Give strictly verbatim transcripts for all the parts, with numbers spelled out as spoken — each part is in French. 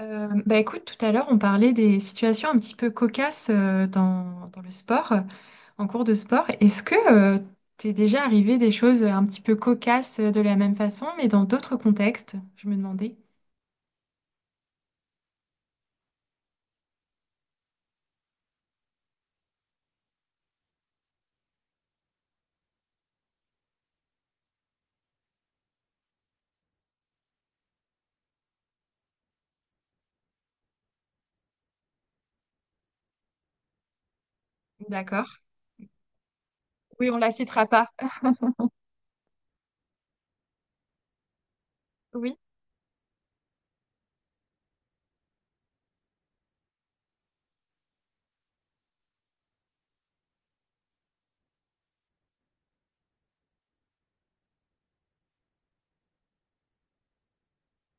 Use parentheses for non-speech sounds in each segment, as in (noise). Euh, bah écoute, tout à l'heure, on parlait des situations un petit peu cocasses euh, dans, dans le sport, euh, en cours de sport. Est-ce que euh, t'es déjà arrivé des choses un petit peu cocasses euh, de la même façon, mais dans d'autres contextes? Je me demandais. D'accord. Oui, on la citera pas. Oui,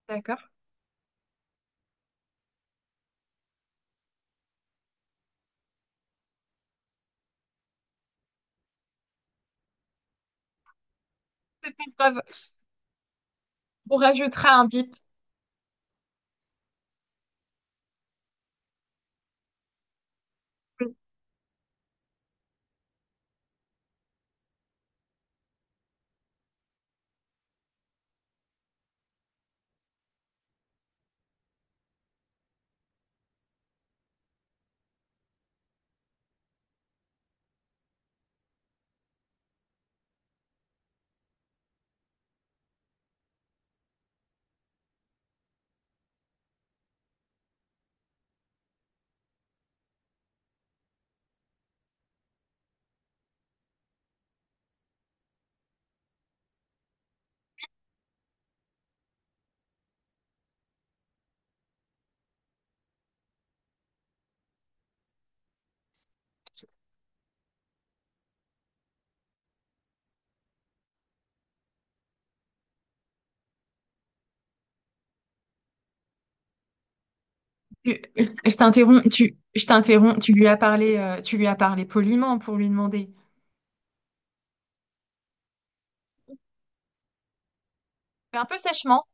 d'accord. C'est pas grave. On rajoutera un bip. Tu- Je t'interromps, tu, je t'interromps, tu lui as parlé, euh, tu lui as parlé poliment pour lui demander. Fais un peu sèchement.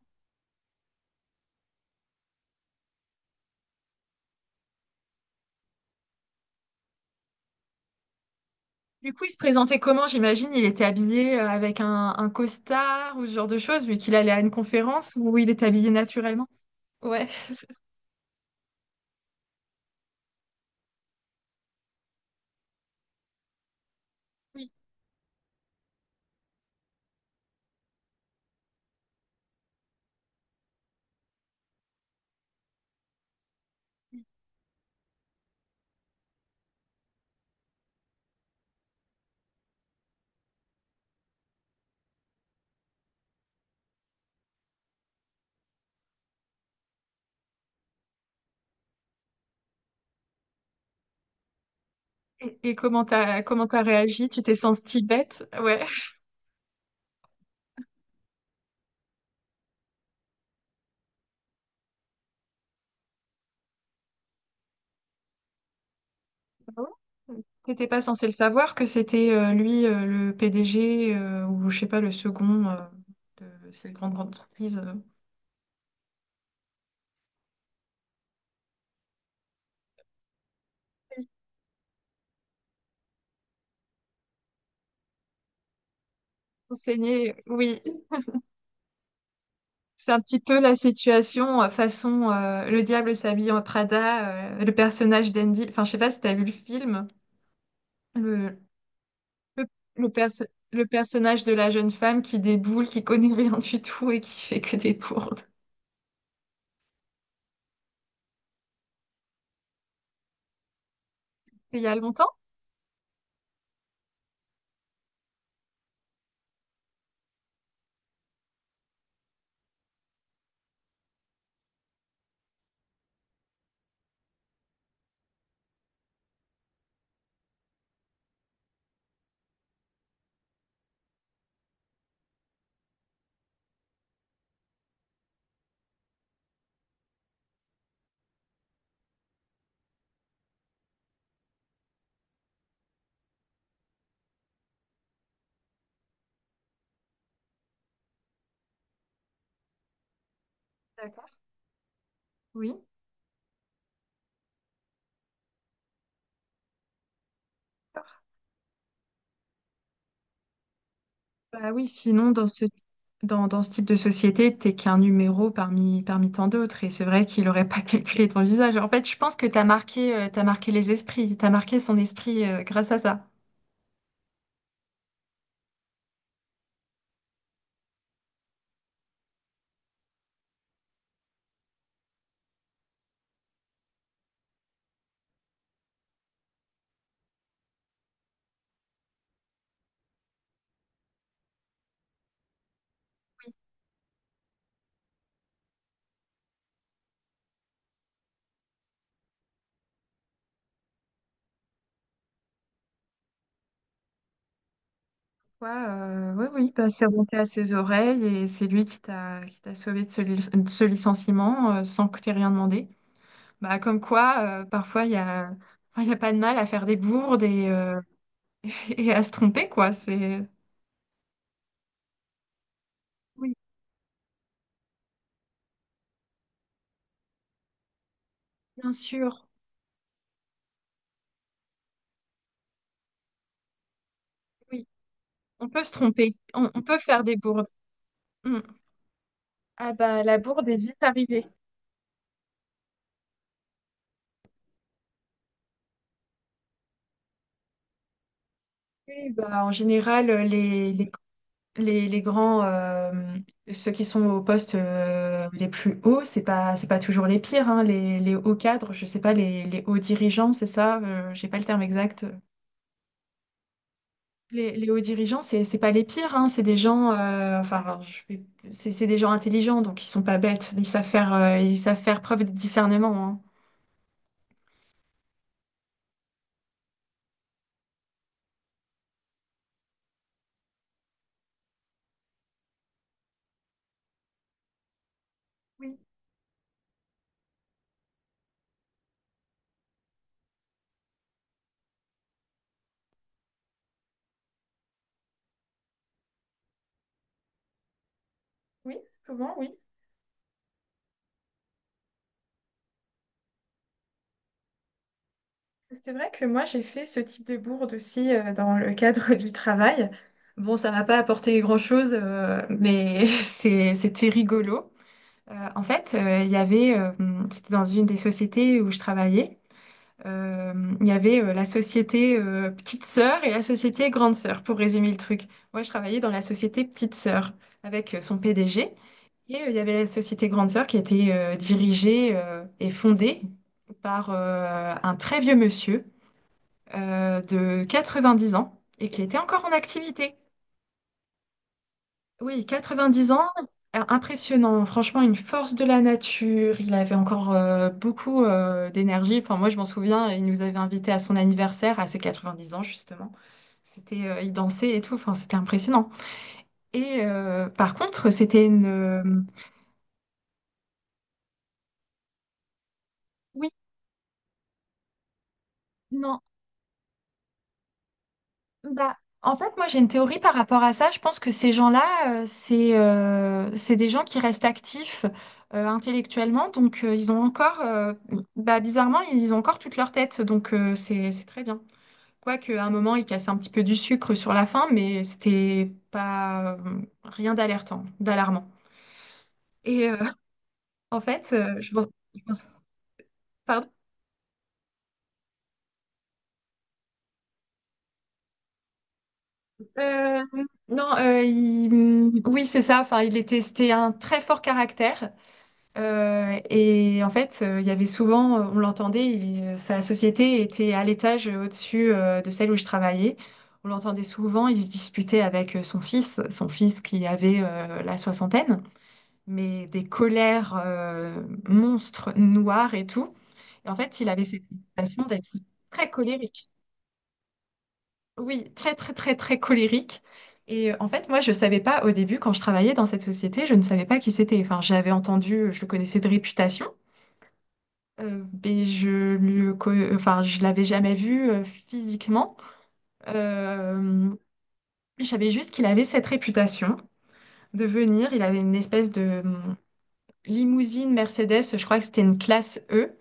Du coup, il se présentait comment? J'imagine, il était habillé euh, avec un, un costard ou ce genre de choses, vu qu'il allait à une conférence où il était habillé naturellement. Ouais. Oui. Et, et comment t'as, comment t'as réagi? Tu t'es sentie bête? Ouais. Ah bon. T'étais pas censé le savoir que c'était euh, lui euh, le P D G euh, ou je sais pas le second euh, de cette grande, grande entreprise. Euh. Enseigné, oui, c'est un petit peu la situation euh, façon euh, Le diable s'habille en Prada, euh, le personnage d'Andy. Enfin, je sais pas si t'as vu le film. Le, le, le perso- le personnage de la jeune femme qui déboule, qui connaît rien du tout et qui fait que des bourdes. C'est il y a longtemps? D'accord. Oui. D'accord. Bah oui, sinon, dans ce, dans, dans ce type de société, t'es qu'un numéro parmi, parmi tant d'autres. Et c'est vrai qu'il n'aurait pas (laughs) calculé ton visage. En fait, je pense que t'as marqué, euh, t'as marqué les esprits. T'as marqué son esprit, euh, grâce à ça. Ouais, euh, oui, oui, bah, c'est remonté à ses oreilles et c'est lui qui t'a, qui t'a sauvé de ce, li- de ce licenciement, euh, sans que t'aies rien demandé. Bah, comme quoi, euh, parfois, il y a, enfin, il y a pas de mal à faire des bourdes et, euh, (laughs) et à se tromper, quoi. C'est... Oui, bien sûr. Oui, on peut se tromper. On, on peut faire des bourdes. Mm. Ah bah, la bourde est vite arrivée. Oui, bah, en général, euh, les, les, les, les grands, euh, ceux qui sont aux postes euh, les plus hauts, c'est pas, c'est pas toujours les pires, hein, les, les hauts cadres, je sais pas, les, les hauts dirigeants, c'est ça, euh, j'ai pas le terme exact. Les, les hauts dirigeants, c'est c'est pas les pires, hein, c'est des gens, euh, enfin, je vais- c'est c'est des gens intelligents, donc ils sont pas bêtes, ils savent faire, euh, ils savent faire preuve de discernement, hein. Oui, oui, souvent, oui. C'est vrai que moi, j'ai fait ce type de bourde aussi euh, dans le cadre (laughs) du travail. Bon, ça m'a pas apporté grand-chose, euh, mais (laughs) c'est- c'était rigolo. Euh, en fait, euh, il y avait, euh, C'était dans une des sociétés où je travaillais. Euh, il y avait euh, la société euh, Petite Sœur et la société Grande Sœur, pour résumer le truc. Moi, je travaillais dans la société Petite Sœur avec euh, son P D G. Et euh, il y avait la société Grande Sœur qui était euh, dirigée euh, et fondée par euh, un très vieux monsieur euh, de quatre-vingt-dix ans et qui était encore en activité. Oui, quatre-vingt-dix ans, euh, impressionnant. Franchement, une force de la nature. Il avait encore euh, beaucoup euh, d'énergie. Enfin, moi, je m'en souviens, il nous avait invités à son anniversaire, à ses quatre-vingt-dix ans, justement. C'était, euh, il dansait et tout. Enfin, c'était impressionnant. Et euh, par contre, c'était une. Euh, oui, non, Bah, en fait, moi j'ai une théorie par rapport à ça. Je pense que ces gens-là, euh, c'est euh, c'est des gens qui restent actifs euh, intellectuellement, donc euh, ils ont encore, euh, bah, bizarrement, ils ont encore toute leur tête, donc euh, c'est c'est très bien. Quoique à un moment, ils cassaient un petit peu du sucre sur la fin, mais c'était pas euh, rien d'alertant, d'alarmant. Et euh, (laughs) en fait, euh, je pense, je pense- pardon. Euh, non, euh, il- Oui, c'est ça. Enfin, il était, c'était un très fort caractère. Euh, et en fait, euh, il y avait souvent, euh, On l'entendait, il- euh, sa société était à l'étage euh, au-dessus euh, de celle où je travaillais. On l'entendait souvent, il se disputait avec euh, son fils, son fils qui avait euh, la soixantaine, mais des colères euh, monstres, noires et tout. Et en fait, il avait cette passion d'être très colérique. Oui, très, très, très, très colérique. Et euh, en fait, moi, je savais pas au début, quand je travaillais dans cette société, je ne savais pas qui c'était. Enfin, j'avais entendu, je le connaissais de réputation. Euh, ben, je lui, co- enfin, je l'avais jamais vu euh, physiquement. Euh, je savais juste qu'il avait cette réputation de venir. Il avait une espèce de hum, limousine Mercedes, je crois que c'était une classe E,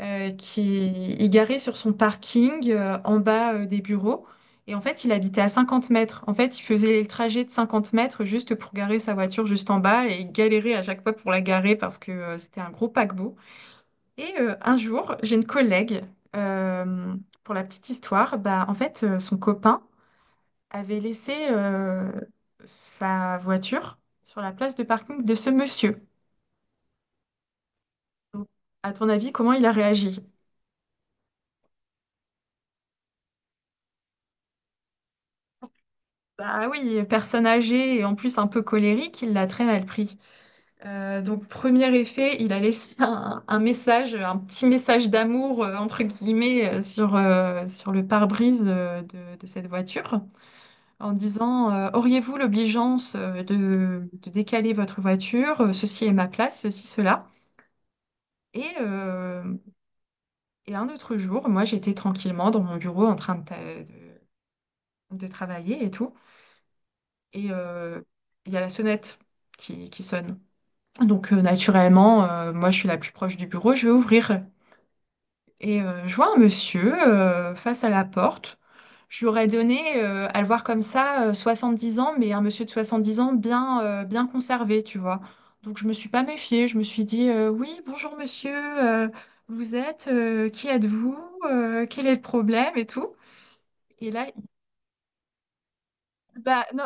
euh, qui il garait sur son parking euh, en bas euh, des bureaux. Et en fait, il habitait à cinquante mètres. En fait, il faisait le trajet de cinquante mètres juste pour garer sa voiture juste en bas et il galérait à chaque fois pour la garer parce que euh, c'était un gros paquebot. Et euh, un jour, j'ai une collègue, euh, pour la petite histoire, bah, en fait, euh, son copain avait laissé euh, sa voiture sur la place de parking de ce monsieur. Donc, à ton avis, comment il a réagi? Bah oui, personne âgée et en plus un peu colérique, il l'a très mal pris. Euh, donc, premier effet, il a laissé (laughs) un, un message, un petit message d'amour, euh, entre guillemets, euh, sur, euh, sur le pare-brise euh, de de cette voiture, en disant euh, auriez-vous l'obligeance euh, de, de décaler votre voiture? Euh, Ceci est ma place, ceci, cela. Et, euh, et un autre jour, moi j'étais tranquillement dans mon bureau en train de, ta- de- de travailler et tout. Et euh, il y a la sonnette qui, qui sonne. Donc euh, naturellement, euh, moi je suis la plus proche du bureau, je vais ouvrir. Et euh, je vois un monsieur euh, face à la porte. Je lui aurais donné, euh, à le voir comme ça, euh, dix ans, mais un monsieur de soixante-dix ans bien, euh, bien conservé, tu vois. Donc je me suis pas méfiée. Je me suis dit, euh, oui, bonjour monsieur, euh, vous êtes, euh, qui êtes-vous, Euh, quel est le problème et tout. Et là, bah non,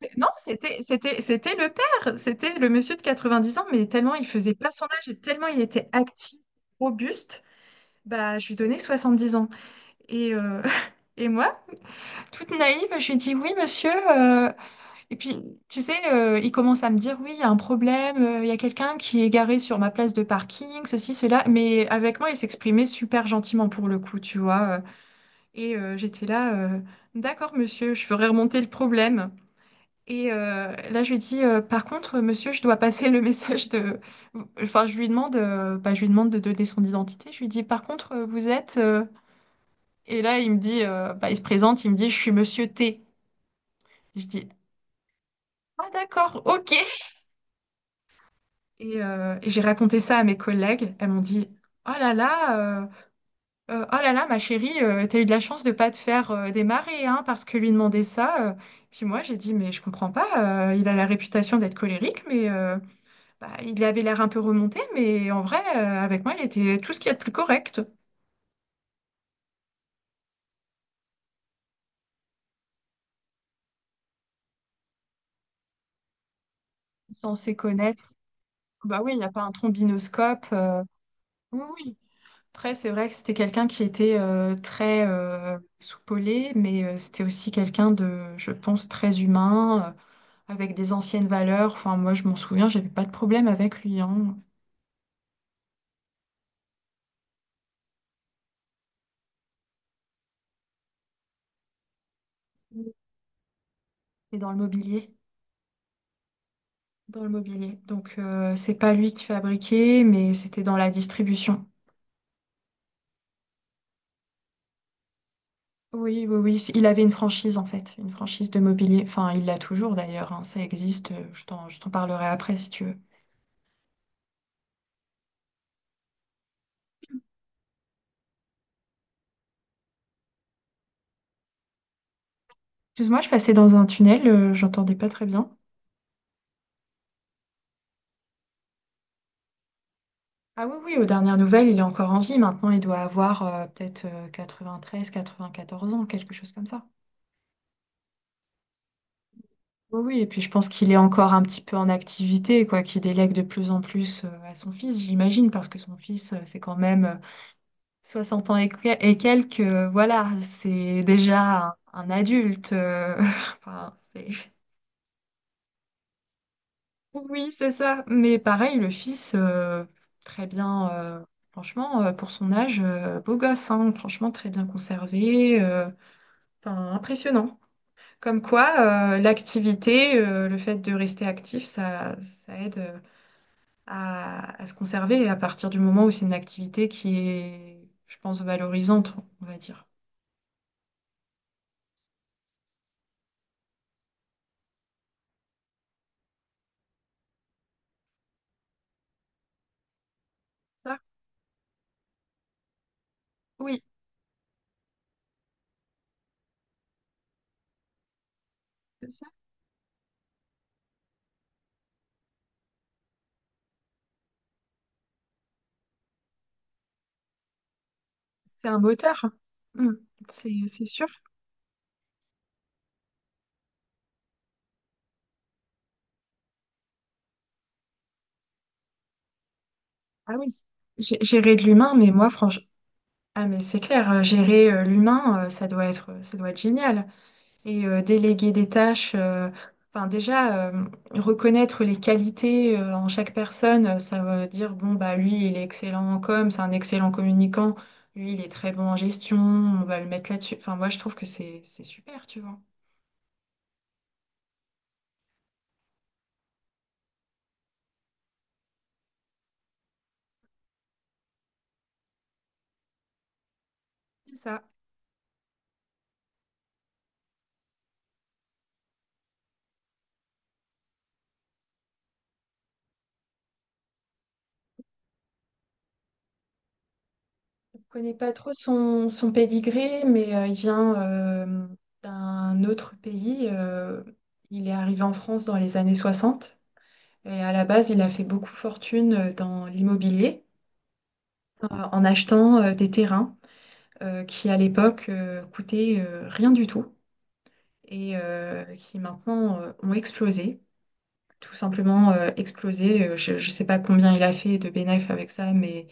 c'est- non, c'était, c'était, c'était le père, c'était le monsieur de quatre-vingt-dix ans, mais tellement il faisait pas son âge et tellement il était actif, robuste, bah je lui donnais soixante-dix ans. Et, euh, (laughs) et moi, toute naïve, je lui dis oui, monsieur. Euh, et puis, tu sais, euh, il commence à me dire oui, il y a un problème, euh, il y a quelqu'un qui est garé sur ma place de parking, ceci, cela. Mais avec moi, il s'exprimait super gentiment pour le coup, tu vois. Euh. Et euh, j'étais là, euh, d'accord, monsieur, je ferai remonter le problème. Et euh, là, je lui dis, euh, par contre, monsieur, je dois passer le (laughs) message de. Enfin, je lui demande, euh, bah, je lui demande de donner son identité. Je lui dis, par contre, euh, vous êtes. Euh, et là, il me dit, euh, bah, il se présente, il me dit, je suis Monsieur T. Je dis, ah d'accord, ok. Et, euh, et j'ai raconté ça à mes collègues. Elles m'ont dit, oh là là, euh, euh, oh là là, ma chérie, euh, t'as eu de la chance de pas te faire euh, démarrer, hein, parce que lui demander ça. Euh. Puis moi, j'ai dit, mais je comprends pas. Euh, il a la réputation d'être colérique, mais euh, bah, il avait l'air un peu remonté, mais en vrai, euh, avec moi, il était tout ce qu'il y a de plus correct. Censé connaître. Bah oui, il n'y a pas un trombinoscope. Euh, Oui, oui. Après, c'est vrai que c'était quelqu'un qui était euh, très euh, soupolé, mais euh, c'était aussi quelqu'un de, je pense, très humain, euh, avec des anciennes valeurs. Enfin, moi, je m'en souviens, j'avais pas de problème avec lui, hein. Et dans le mobilier, dans le mobilier. Donc, euh, c'est pas lui qui fabriquait, mais c'était dans la distribution. Oui, oui, oui. Il avait une franchise en fait, une franchise de mobilier. Enfin, il l'a toujours d'ailleurs, hein. Ça existe. Euh, Je t'en, je t'en parlerai après si tu veux. Excuse-moi, je passais dans un tunnel. Euh, j'entendais pas très bien. Ah oui, oui, aux dernières nouvelles, il est encore en vie. Maintenant, il doit avoir euh, peut-être euh, quatre-vingt-treize, quatre-vingt-quatorze ans, quelque chose comme ça. Oui, oui, et puis je pense qu'il est encore un petit peu en activité, quoi, qu'il délègue de plus en plus euh, à son fils, j'imagine, parce que son fils, euh, c'est quand même euh, soixante ans et, que- et quelques. Euh, voilà, c'est déjà un, un adulte. Euh, (laughs) enfin, c'est- oui, c'est ça. Mais pareil, le fils, euh, très bien, euh, franchement, euh, pour son âge, euh, beau gosse, hein, franchement, très bien conservé. Euh, Enfin, impressionnant. Comme quoi, euh, l'activité, euh, le fait de rester actif, ça, ça aide euh, à, à se conserver et à partir du moment où c'est une activité qui est, je pense, valorisante, on va dire. Ça, oui, c'est ça. C'est un moteur. Mm. C'est, c'est sûr. Ah oui. Gé- Gérer de l'humain, mais moi, franchement, ah mais c'est clair, euh, gérer euh, l'humain, euh, ça doit être, ça doit être génial, et euh, déléguer des tâches. Euh, Enfin, déjà, euh, reconnaître les qualités euh, en chaque personne, euh, ça veut dire, bon, bah, lui, il est excellent en com, c'est un excellent communicant, lui, il est très bon en gestion, on va le mettre là-dessus. Enfin, moi, je trouve que c'est c'est super, tu vois. C'est ça. Je ne connais pas trop son, son pédigré, mais euh, il vient euh, d'un autre pays. Euh, il est arrivé en France dans les années soixante et à la base, il a fait beaucoup fortune euh, dans l'immobilier, euh, en achetant euh, des terrains euh, qui à l'époque euh, coûtaient euh, rien du tout et euh, qui maintenant euh, ont explosé, tout simplement euh, explosé. Euh, Je ne sais pas combien il a fait de bénéfices avec ça, mais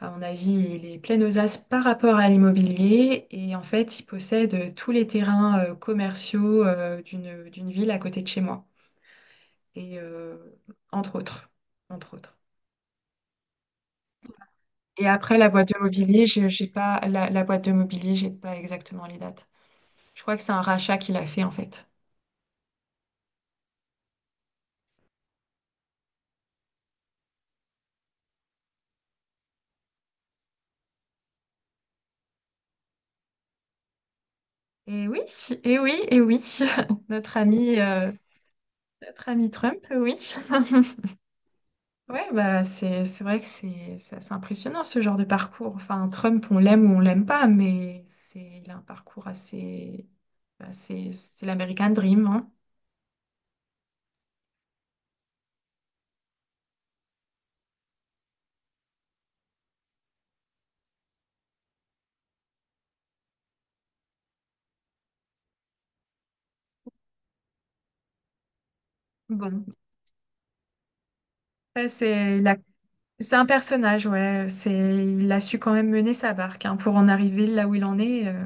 à mon avis, il est plein aux as par rapport à l'immobilier et en fait, il possède tous les terrains euh, commerciaux euh, d'une d'une ville à côté de chez moi et euh, entre autres, entre autres. Et après la boîte de mobilier, j'ai j'ai pas la, la boîte de mobilier, j'ai pas exactement les dates. Je crois que c'est un rachat qu'il a fait en fait. Et oui, et oui, et oui. (laughs) Notre ami, euh, notre ami Trump, oui. (laughs) Ouais, bah c'est c'est vrai que c'est c'est assez impressionnant ce genre de parcours. Enfin, Trump, on l'aime ou on l'aime pas, mais c'est il a un parcours assez bah, c'est c'est l'American Dream, hein. Bon, ouais, c'est il a- c'est un personnage, ouais. C'est Il a su quand même mener sa barque hein, pour en arriver là où il en est. euh.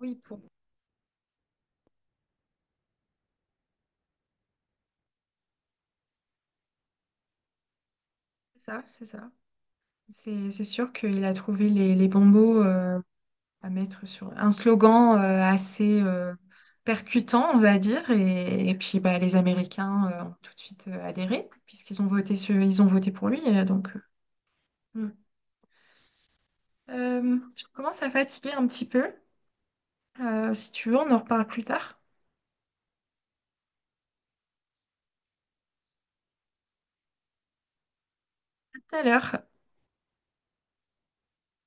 Oui, pour c'est ça, c'est ça. C'est, c'est sûr qu'il a trouvé les, les bons mots euh, à mettre sur un slogan euh, assez euh, percutant, on va dire. Et, et puis bah, les Américains euh, ont tout de suite euh, adhéré, puisqu'ils ont voté sur- ils ont voté pour lui. Euh, donc, euh, mm. Euh, je commence à fatiguer un petit peu. Euh, si tu veux, on en reparle plus tard. À tout à l'heure.